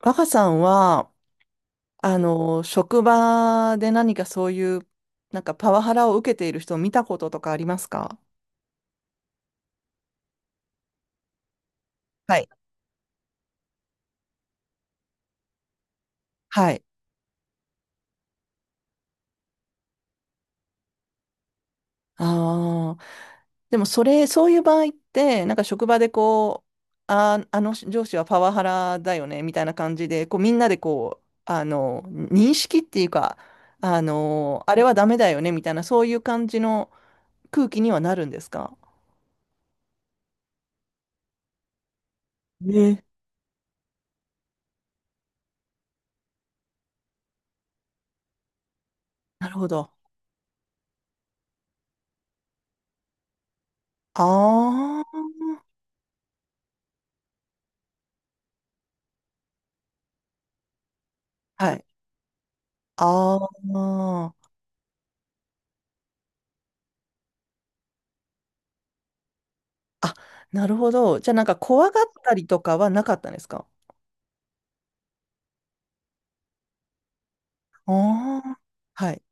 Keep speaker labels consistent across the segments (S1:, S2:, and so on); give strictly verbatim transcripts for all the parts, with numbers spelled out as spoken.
S1: 若さんは、あの、職場で何かそういう、なんかパワハラを受けている人を見たこととかありますか？はい。はい。ああ。でも、それ、そういう場合って、なんか職場でこう、あー、あの上司はパワハラだよね、みたいな感じで、こう、みんなでこう、あの、認識っていうか、あの、あれはダメだよね、みたいな、そういう感じの空気にはなるんですかね。なるほど。ああ。はい。ああ。あ、なるほど。じゃあなんか怖がったりとかはなかったんですか？ああはい。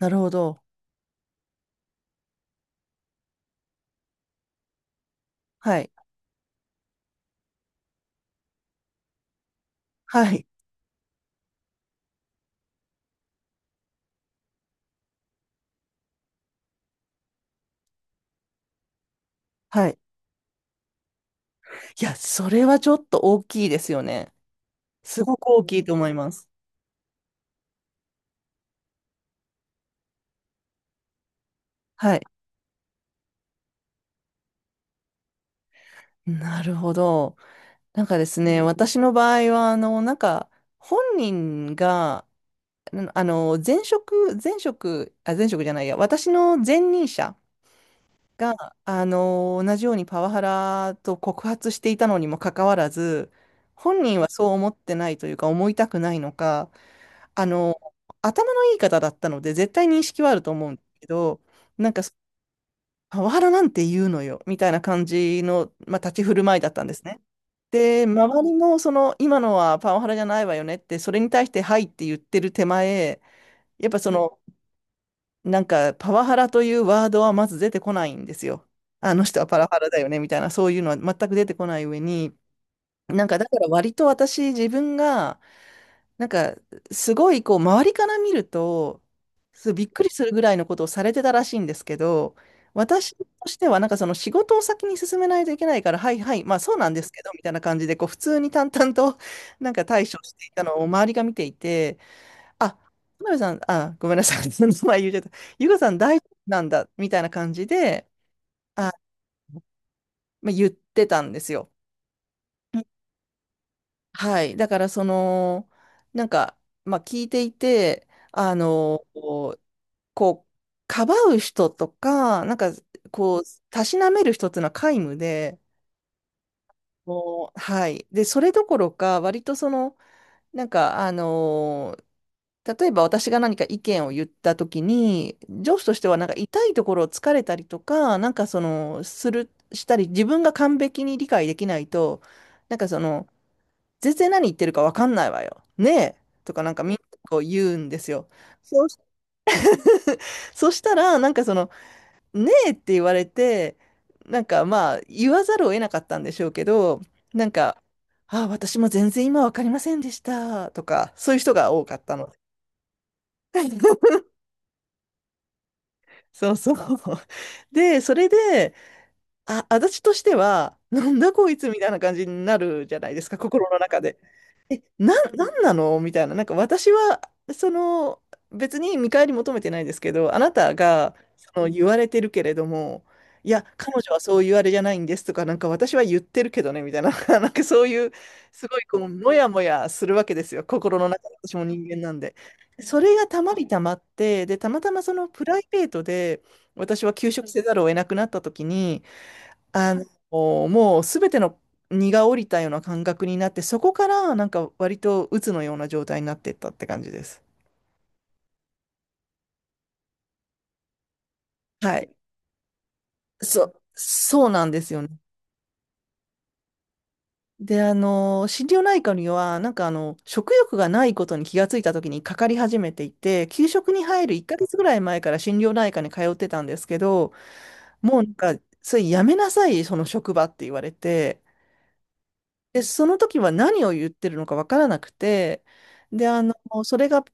S1: なるほど。はい。はい。はい。いや、それはちょっと大きいですよね。すごく大きいと思います。はい。なるほど。なんかですね、私の場合は、あの、なんか、本人が、あの、前職、前職、あ、前職じゃないや、私の前任者が、あのー同じようにパワハラと告発していたのにもかかわらず、本人はそう思ってないというか、思いたくないのか、あのー頭のいい方だったので、絶対認識はあると思うんですけど、なんか、パワハラなんて言うのよ、みたいな感じの、まあ、立ち振る舞いだったんですね。で、周りも、その、今のはパワハラじゃないわよねって、それに対して、はいって言ってる手前、やっぱその、なんか、パワハラというワードはまず出てこないんですよ。あの人はパワハラだよね、みたいな、そういうのは全く出てこない上に、なんか、だから割と私、自分が、なんか、すごい、こう、周りから見ると、そびっくりするぐらいのことをされてたらしいんですけど、私としては、なんかその仕事を先に進めないといけないから、はいはい、まあそうなんですけど、みたいな感じで、こう、普通に淡々と、なんか対処していたのを周りが見ていて、あ、田辺さん、あ、ごめんなさい。その名前言っちゃった。ゆかさん大丈夫なんだ、みたいな感じで、あ、まあ、言ってたんですよ。うんはい。だから、その、なんか、まあ、聞いていて、あの、こう、かばう人とか、なんか、こう、たしなめる人っていうのは皆無で、もう、はい。で、それどころか、割とその、なんか、あの例えば私が何か意見を言った時に、上司としてはなんか痛いところを突かれたりとか、なんかその、する、したり、自分が完璧に理解できないと、なんかその、全然何言ってるかわかんないわよ。ねえとかなんかみんなこう言うんですよ。そう、そしたら、なんかその、ねえって言われて、なんかまあ、言わざるを得なかったんでしょうけど、なんか、あ、私も全然今わかりませんでしたとか、そういう人が多かったの。そうそう。で、それで、あ、私としては、なんだこいつみたいな感じになるじゃないですか、心の中で。なん、なんなのみたいな。なんか私は、その、別に見返り求めてないですけど、あなたが、その、言われてるけれども、いや、彼女はそう言われじゃないんですとか、なんか私は言ってるけどね、みたいな、なんかそういう、すごい、こう、もやもやするわけですよ。心の中で、私も人間なんで。それがたまりたまって、で、たまたまそのプライベートで、私は休職せざるを得なくなった時に、あの、もうすべての荷が下りたような感覚になって、そこからなんか割と鬱のような状態になっていったって感じです。はい。そう、そうなんですよね。で、あの、心療内科には、なんかあの、食欲がないことに気がついた時にかかり始めていて、給食に入るいっかげつぐらい前から心療内科に通ってたんですけど、もうなんか、それやめなさい、その職場って言われて、で、その時は何を言ってるのかわからなくて、で、あの、それが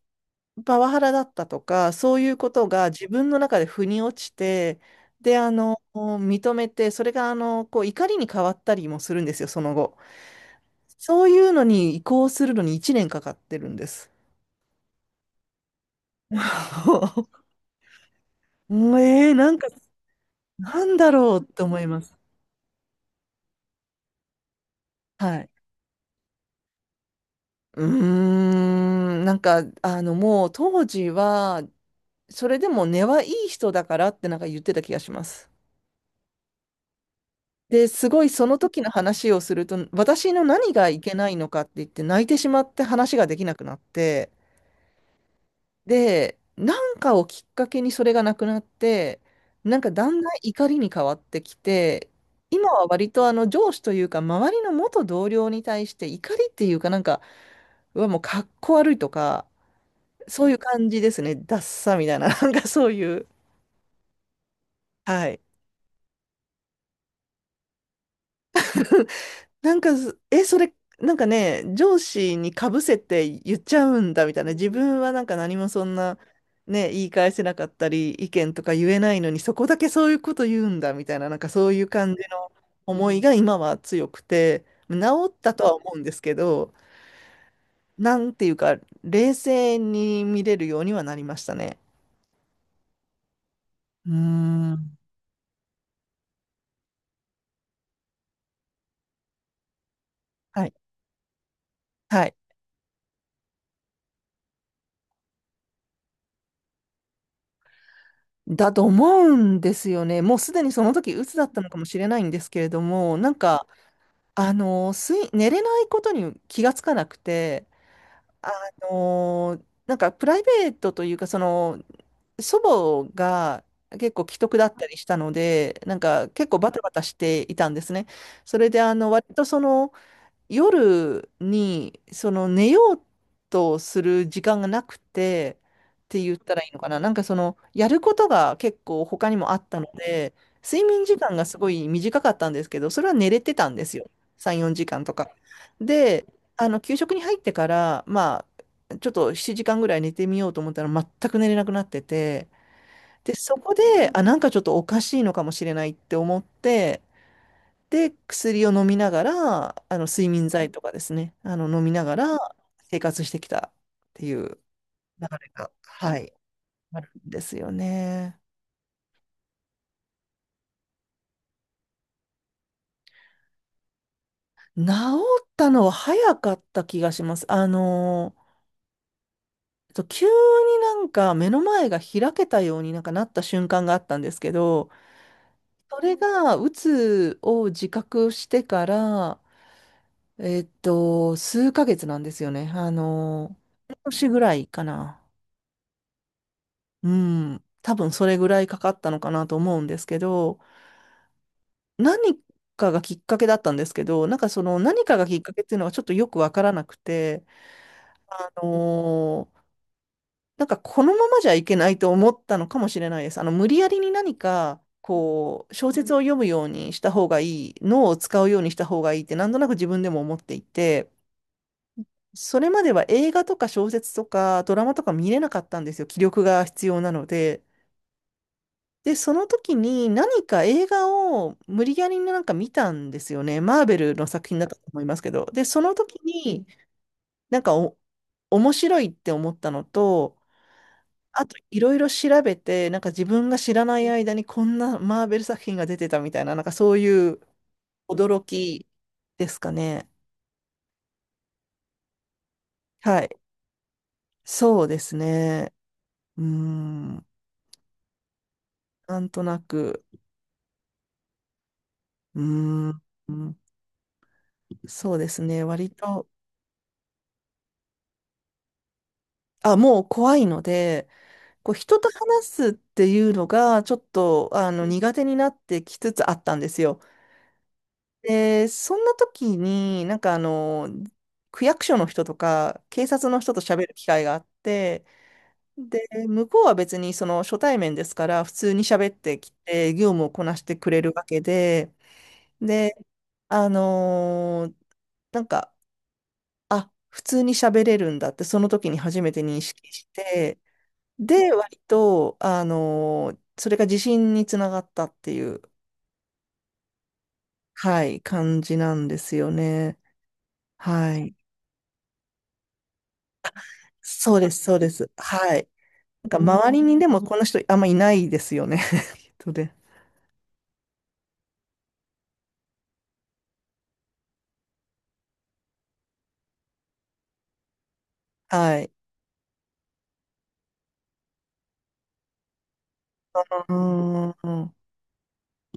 S1: パワハラだったとか、そういうことが自分の中で腑に落ちて、で、あの、認めて、それが、あの、こう、怒りに変わったりもするんですよ、その後。そういうのに移行するのにいちねんかかってるんです。もうえー、なんか、なんだろうって思います。はい。うーん、なんか、あの、もう当時は、それでも根はいい人だからってなんか言ってた気がします。で、すごいその時の話をすると、私の何がいけないのかって言って泣いてしまって話ができなくなって、で、なんかをきっかけにそれがなくなって、なんかだんだん怒りに変わってきて、今は割とあの上司というか周りの元同僚に対して怒りっていうかなんか、うわ、もうかっこ悪いとか、そういう感じですね。ダッサみたいな、なんかそういう。はい。なんかず、え、それ、なんかね、上司にかぶせて言っちゃうんだみたいな、自分はなんか何もそんな、ね、言い返せなかったり、意見とか言えないのに、そこだけそういうこと言うんだみたいな、なんかそういう感じの思いが今は強くて、治ったとは思うんですけど、なんていうか、冷静に見れるようにはなりましたね。うーん。はい。はい。だと思うんですよね。もうすでにその時、鬱だったのかもしれないんですけれども、なんか、あのー、睡寝れないことに気がつかなくて、あのー、なんかプライベートというか、その、祖母が結構危篤だったりしたので、なんか結構バタバタしていたんですね。それで、あの、割とその、夜にその寝ようとする時間がなくてって言ったらいいのかな。なんかそのやることが結構他にもあったので、睡眠時間がすごい短かったんですけど、それは寝れてたんですよ。さん、よじかんとか。で、あの給食に入ってから、まあ、ちょっとななじかんぐらい寝てみようと思ったら全く寝れなくなってて、で、そこで、あ、なんかちょっとおかしいのかもしれないって思って、で、薬を飲みながら、あの、睡眠剤とかですね、あの、飲みながら生活してきたっていう流れが、はい、あるんですよね。治ったのは早かった気がします。あの、えっと急になんか目の前が開けたようになんかなった瞬間があったんですけど、それが、うつを自覚してから、えっと、数ヶ月なんですよね。あの、半年ぐらいかな。うん、多分それぐらいかかったのかなと思うんですけど、何かがきっかけだったんですけど、なんかその何かがきっかけっていうのがちょっとよくわからなくて、あのーなんかこのままじゃいけないと思ったのかもしれないです。あの、無理やりに何か、こう、小説を読むようにした方がいい、脳を使うようにした方がいいってなんとなく自分でも思っていて、それまでは映画とか小説とかドラマとか見れなかったんですよ。気力が必要なので。で、その時に何か映画を無理やりなんか見たんですよね。マーベルの作品だったと思いますけど。で、その時になんかお、面白いって思ったのと、あといろいろ調べて、なんか自分が知らない間にこんなマーベル作品が出てたみたいな、なんかそういう驚きですかね。はい。そうですね。うーん。なんとなく。うーん。そうですね。割と。あ、もう怖いので、こう人と話すっていうのがちょっとあの苦手になってきつつあったんですよ。で、そんな時になんかあの区役所の人とか警察の人と喋る機会があって、で、向こうは別にその初対面ですから普通に喋ってきて業務をこなしてくれるわけで、で、あのーなんか、あ、普通に喋れるんだってその時に初めて認識して、で、割と、あの、それが自信につながったっていう、はい、感じなんですよね。はい。そうです、そうです。はい。なんか周りにでもこの人あんまいないですよね。とで。はい。うーん。